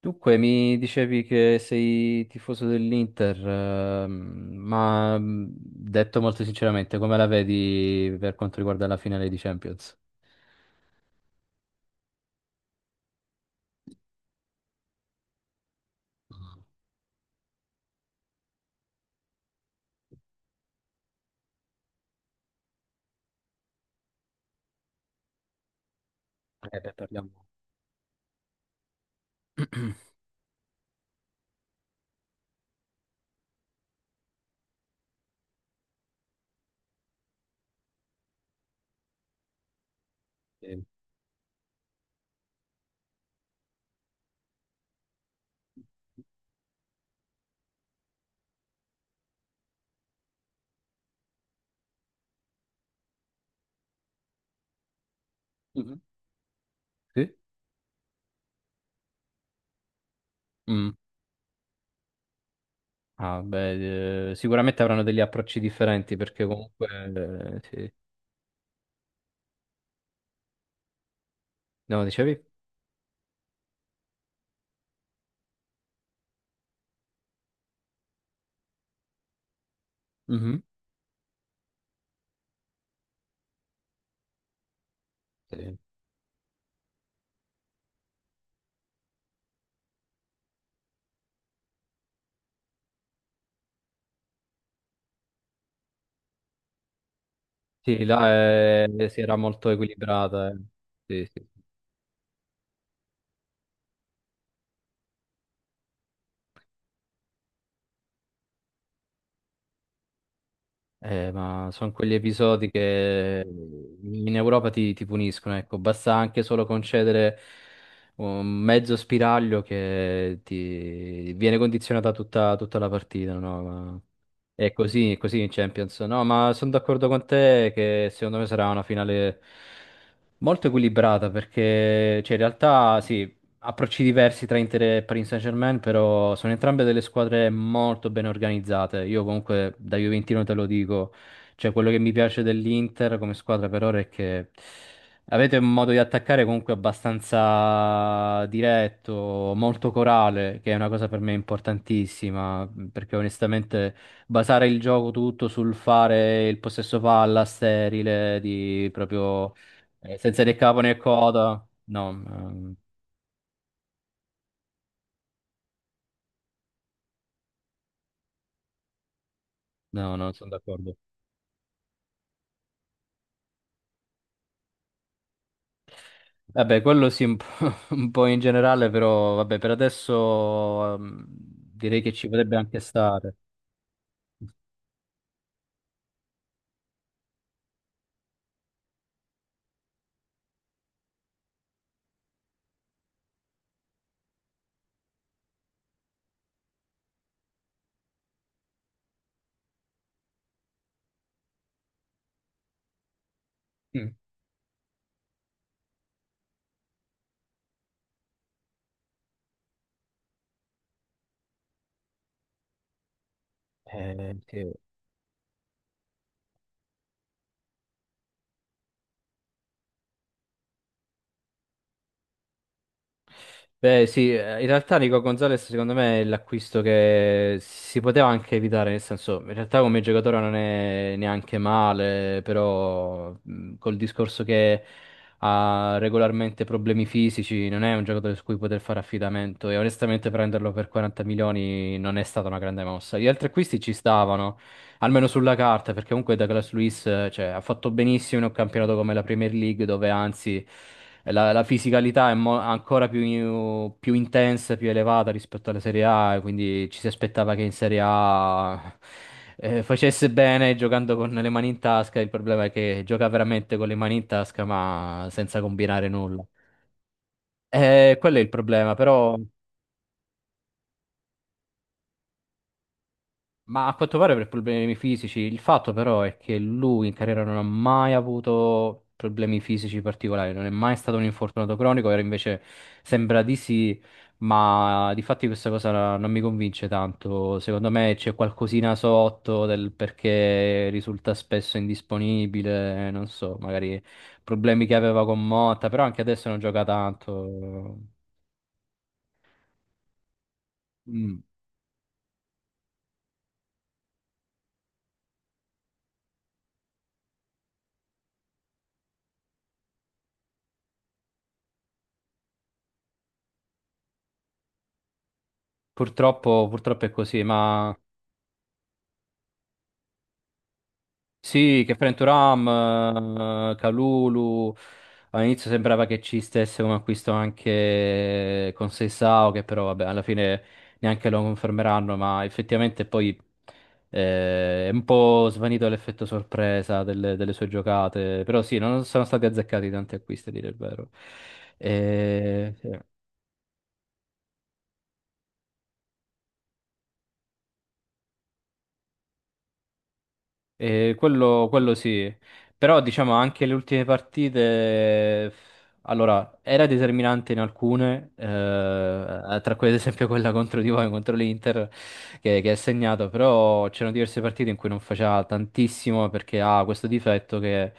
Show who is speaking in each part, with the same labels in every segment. Speaker 1: Dunque, mi dicevi che sei tifoso dell'Inter, ma detto molto sinceramente, come la vedi per quanto riguarda la finale di Champions? Beh, parliamo. eh, mhm. Sì? Mm. Ah, beh, sicuramente avranno degli approcci differenti perché comunque, sì. No, dicevi? Mhm. Sì. Sì, là si era molto equilibrata. Sì, sì. Ma sono quegli episodi che in Europa ti puniscono, ecco, basta anche solo concedere un mezzo spiraglio che ti viene condizionata tutta la partita, no? Ma è così in Champions. No, ma sono d'accordo con te che secondo me sarà una finale molto equilibrata perché, cioè, in realtà sì, approcci diversi tra Inter e Paris Saint-Germain, però sono entrambe delle squadre molto ben organizzate. Io comunque da Juventino te lo dico, cioè quello che mi piace dell'Inter come squadra per ora è che avete un modo di attaccare comunque abbastanza diretto, molto corale, che è una cosa per me importantissima, perché onestamente basare il gioco tutto sul fare il possesso palla sterile, di proprio senza né capo né coda, no. No, no, sono d'accordo. Vabbè, quello sì, un po', un po' in generale, però vabbè, per adesso direi che ci potrebbe anche stare. Mm. Sì. Beh, sì, in realtà Nico Gonzalez secondo me è l'acquisto che si poteva anche evitare, nel senso, in realtà come giocatore non è neanche male, però col discorso che ha regolarmente problemi fisici, non è un giocatore su cui poter fare affidamento e onestamente prenderlo per 40 milioni non è stata una grande mossa. Gli altri acquisti ci stavano, almeno sulla carta, perché comunque Douglas Luiz, cioè, ha fatto benissimo in un campionato come la Premier League, dove anzi la fisicalità è ancora più intensa, più elevata rispetto alla Serie A, e quindi ci si aspettava che in Serie A facesse bene giocando con le mani in tasca. Il problema è che gioca veramente con le mani in tasca, ma senza combinare nulla. Quello è il problema, però. Ma a quanto pare per problemi fisici, il fatto però è che lui in carriera non ha mai avuto problemi fisici particolari, non è mai stato un infortunato cronico, era invece sembra di sì, ma di fatti questa cosa non mi convince tanto. Secondo me c'è qualcosina sotto del perché risulta spesso indisponibile, non so, magari problemi che aveva con Motta, però anche adesso non gioca tanto. Mm. Purtroppo, purtroppo è così, ma sì, che Frenturam, Kalulu, all'inizio sembrava che ci stesse un acquisto anche con Seisao, che però vabbè, alla fine neanche lo confermeranno, ma effettivamente poi è un po' svanito l'effetto sorpresa delle sue giocate, però sì, non sono stati azzeccati tanti acquisti, a dire il vero. Sì. Quello sì, però diciamo anche le ultime partite, eh, era determinante in alcune, tra cui ad esempio quella contro di voi, contro l'Inter, che ha segnato, però c'erano diverse partite in cui non faceva tantissimo perché ha questo difetto che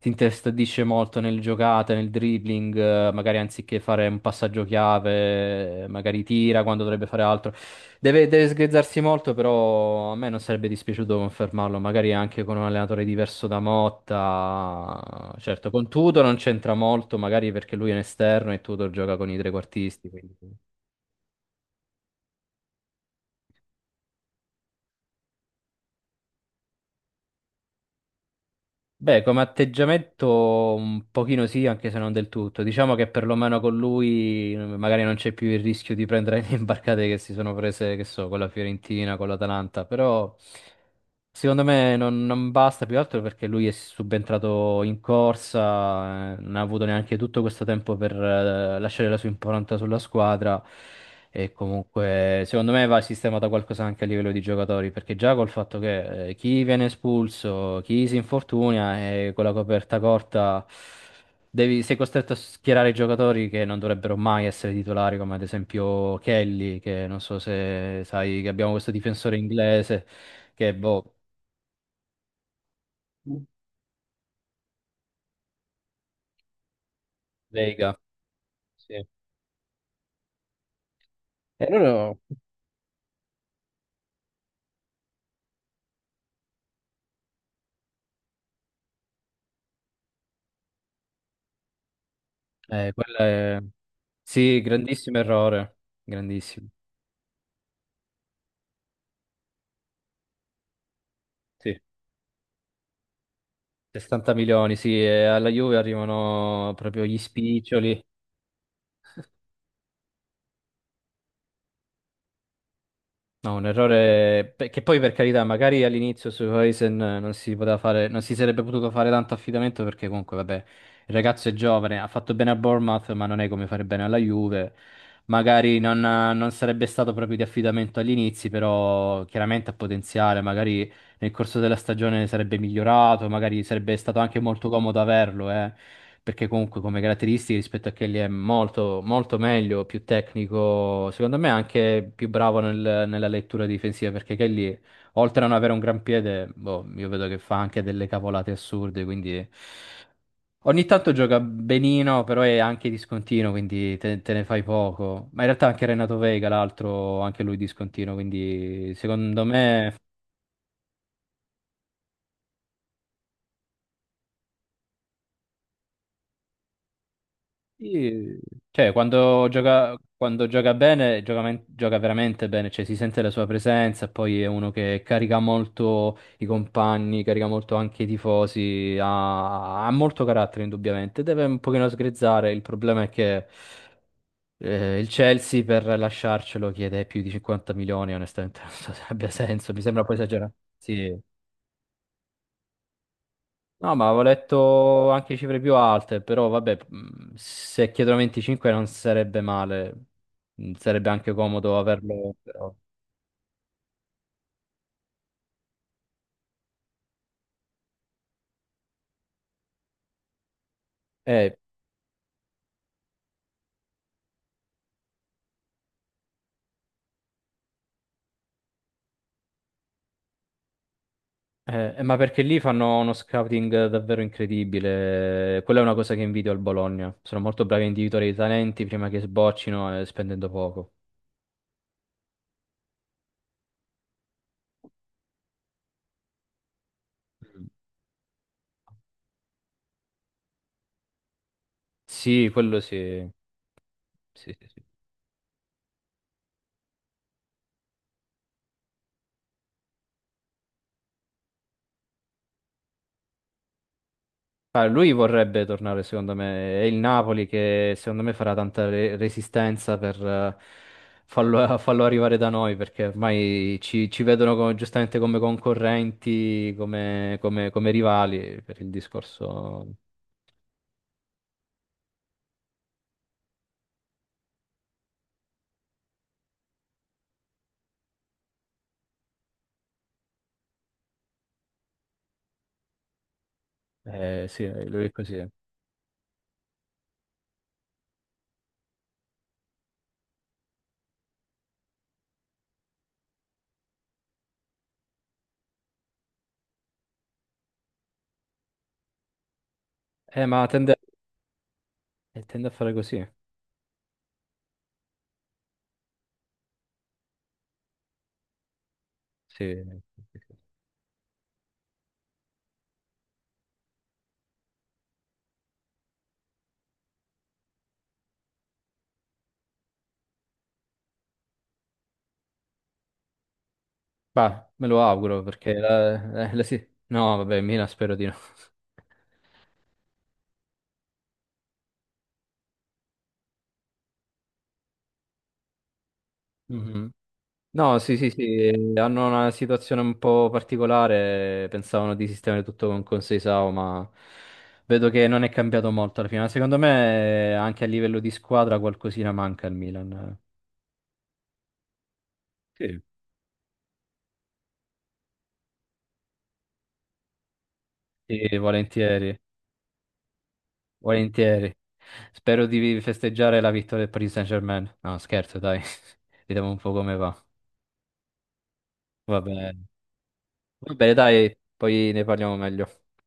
Speaker 1: ti intestardisce molto nel giocate, nel dribbling, magari anziché fare un passaggio chiave, magari tira quando dovrebbe fare altro. Deve sgrezzarsi molto, però a me non sarebbe dispiaciuto confermarlo, magari anche con un allenatore diverso da Motta. Certo, con Tudor non c'entra molto, magari perché lui è un esterno e Tudor gioca con i trequartisti, quindi... Beh, come atteggiamento un pochino sì, anche se non del tutto. Diciamo che perlomeno con lui magari non c'è più il rischio di prendere le imbarcate che si sono prese, che so, con la Fiorentina, con l'Atalanta, però secondo me non, non basta più altro perché lui è subentrato in corsa, non ha avuto neanche tutto questo tempo per lasciare la sua impronta sulla squadra e comunque, secondo me va sistemato qualcosa anche a livello di giocatori, perché già col fatto che chi viene espulso, chi si infortuna e con la coperta corta sei costretto a schierare i giocatori che non dovrebbero mai essere titolari, come ad esempio Kelly, che non so se sai che abbiamo questo difensore inglese che boh, Vega. Sì. E loro- quella è- sì, grandissimo errore, grandissimo. Sì. 60 milioni, sì, e alla Juve arrivano proprio gli spiccioli. No, un errore beh, che poi per carità, magari all'inizio su Huijsen non si poteva fare, non si sarebbe potuto fare tanto affidamento perché comunque, vabbè, il ragazzo è giovane, ha fatto bene a Bournemouth, ma non è come fare bene alla Juve. Magari non sarebbe stato proprio di affidamento agli inizi, però chiaramente ha potenziale, magari nel corso della stagione sarebbe migliorato, magari sarebbe stato anche molto comodo averlo, perché comunque come caratteristiche rispetto a Kelly è molto, molto meglio, più tecnico, secondo me anche più bravo nella lettura difensiva, perché Kelly, oltre a non avere un gran piede, boh, io vedo che fa anche delle cavolate assurde, quindi... Ogni tanto gioca benino, però è anche discontinuo, quindi te ne fai poco. Ma in realtà anche Renato Vega, l'altro, anche lui discontinuo, quindi secondo me sì, cioè, quando gioca bene, gioca, gioca veramente bene, cioè si sente la sua presenza, poi è uno che carica molto i compagni, carica molto anche i tifosi, ha molto carattere indubbiamente, deve un pochino sgrezzare, il problema è che il Chelsea per lasciarcelo chiede più di 50 milioni, onestamente non so se abbia senso, mi sembra poi esagerato. Sì. No, ma avevo letto anche cifre più alte, però vabbè, se chiedono 25 non sarebbe male, sarebbe anche comodo averlo. Però. Eh, ma perché lì fanno uno scouting davvero incredibile, quella è una cosa che invidio al Bologna, sono molto bravi a individuare i talenti prima che sboccino spendendo poco. Mm. Sì, quello sì. Sì, sì, sì. Ah, lui vorrebbe tornare, secondo me. È il Napoli che, secondo me, farà tanta resistenza per farlo arrivare da noi, perché ormai ci vedono giustamente come concorrenti, come rivali, per il discorso... sì, lui è così. Ma tende, tende a fare così. Sì. Bah, me lo auguro, perché... No, vabbè, Mina spero di no. Mhm. No, sì, sì, sì, hanno una situazione un po' particolare, pensavano di sistemare tutto con Conseil SAO, ma vedo che non è cambiato molto alla fine. Ma secondo me anche a livello di squadra qualcosina manca al Milan. Sì. Sì, volentieri, volentieri. Spero di festeggiare la vittoria del Paris Saint-Germain. No, scherzo, dai. Vediamo un po' come va. Va bene. Va bene, dai, poi ne parliamo meglio.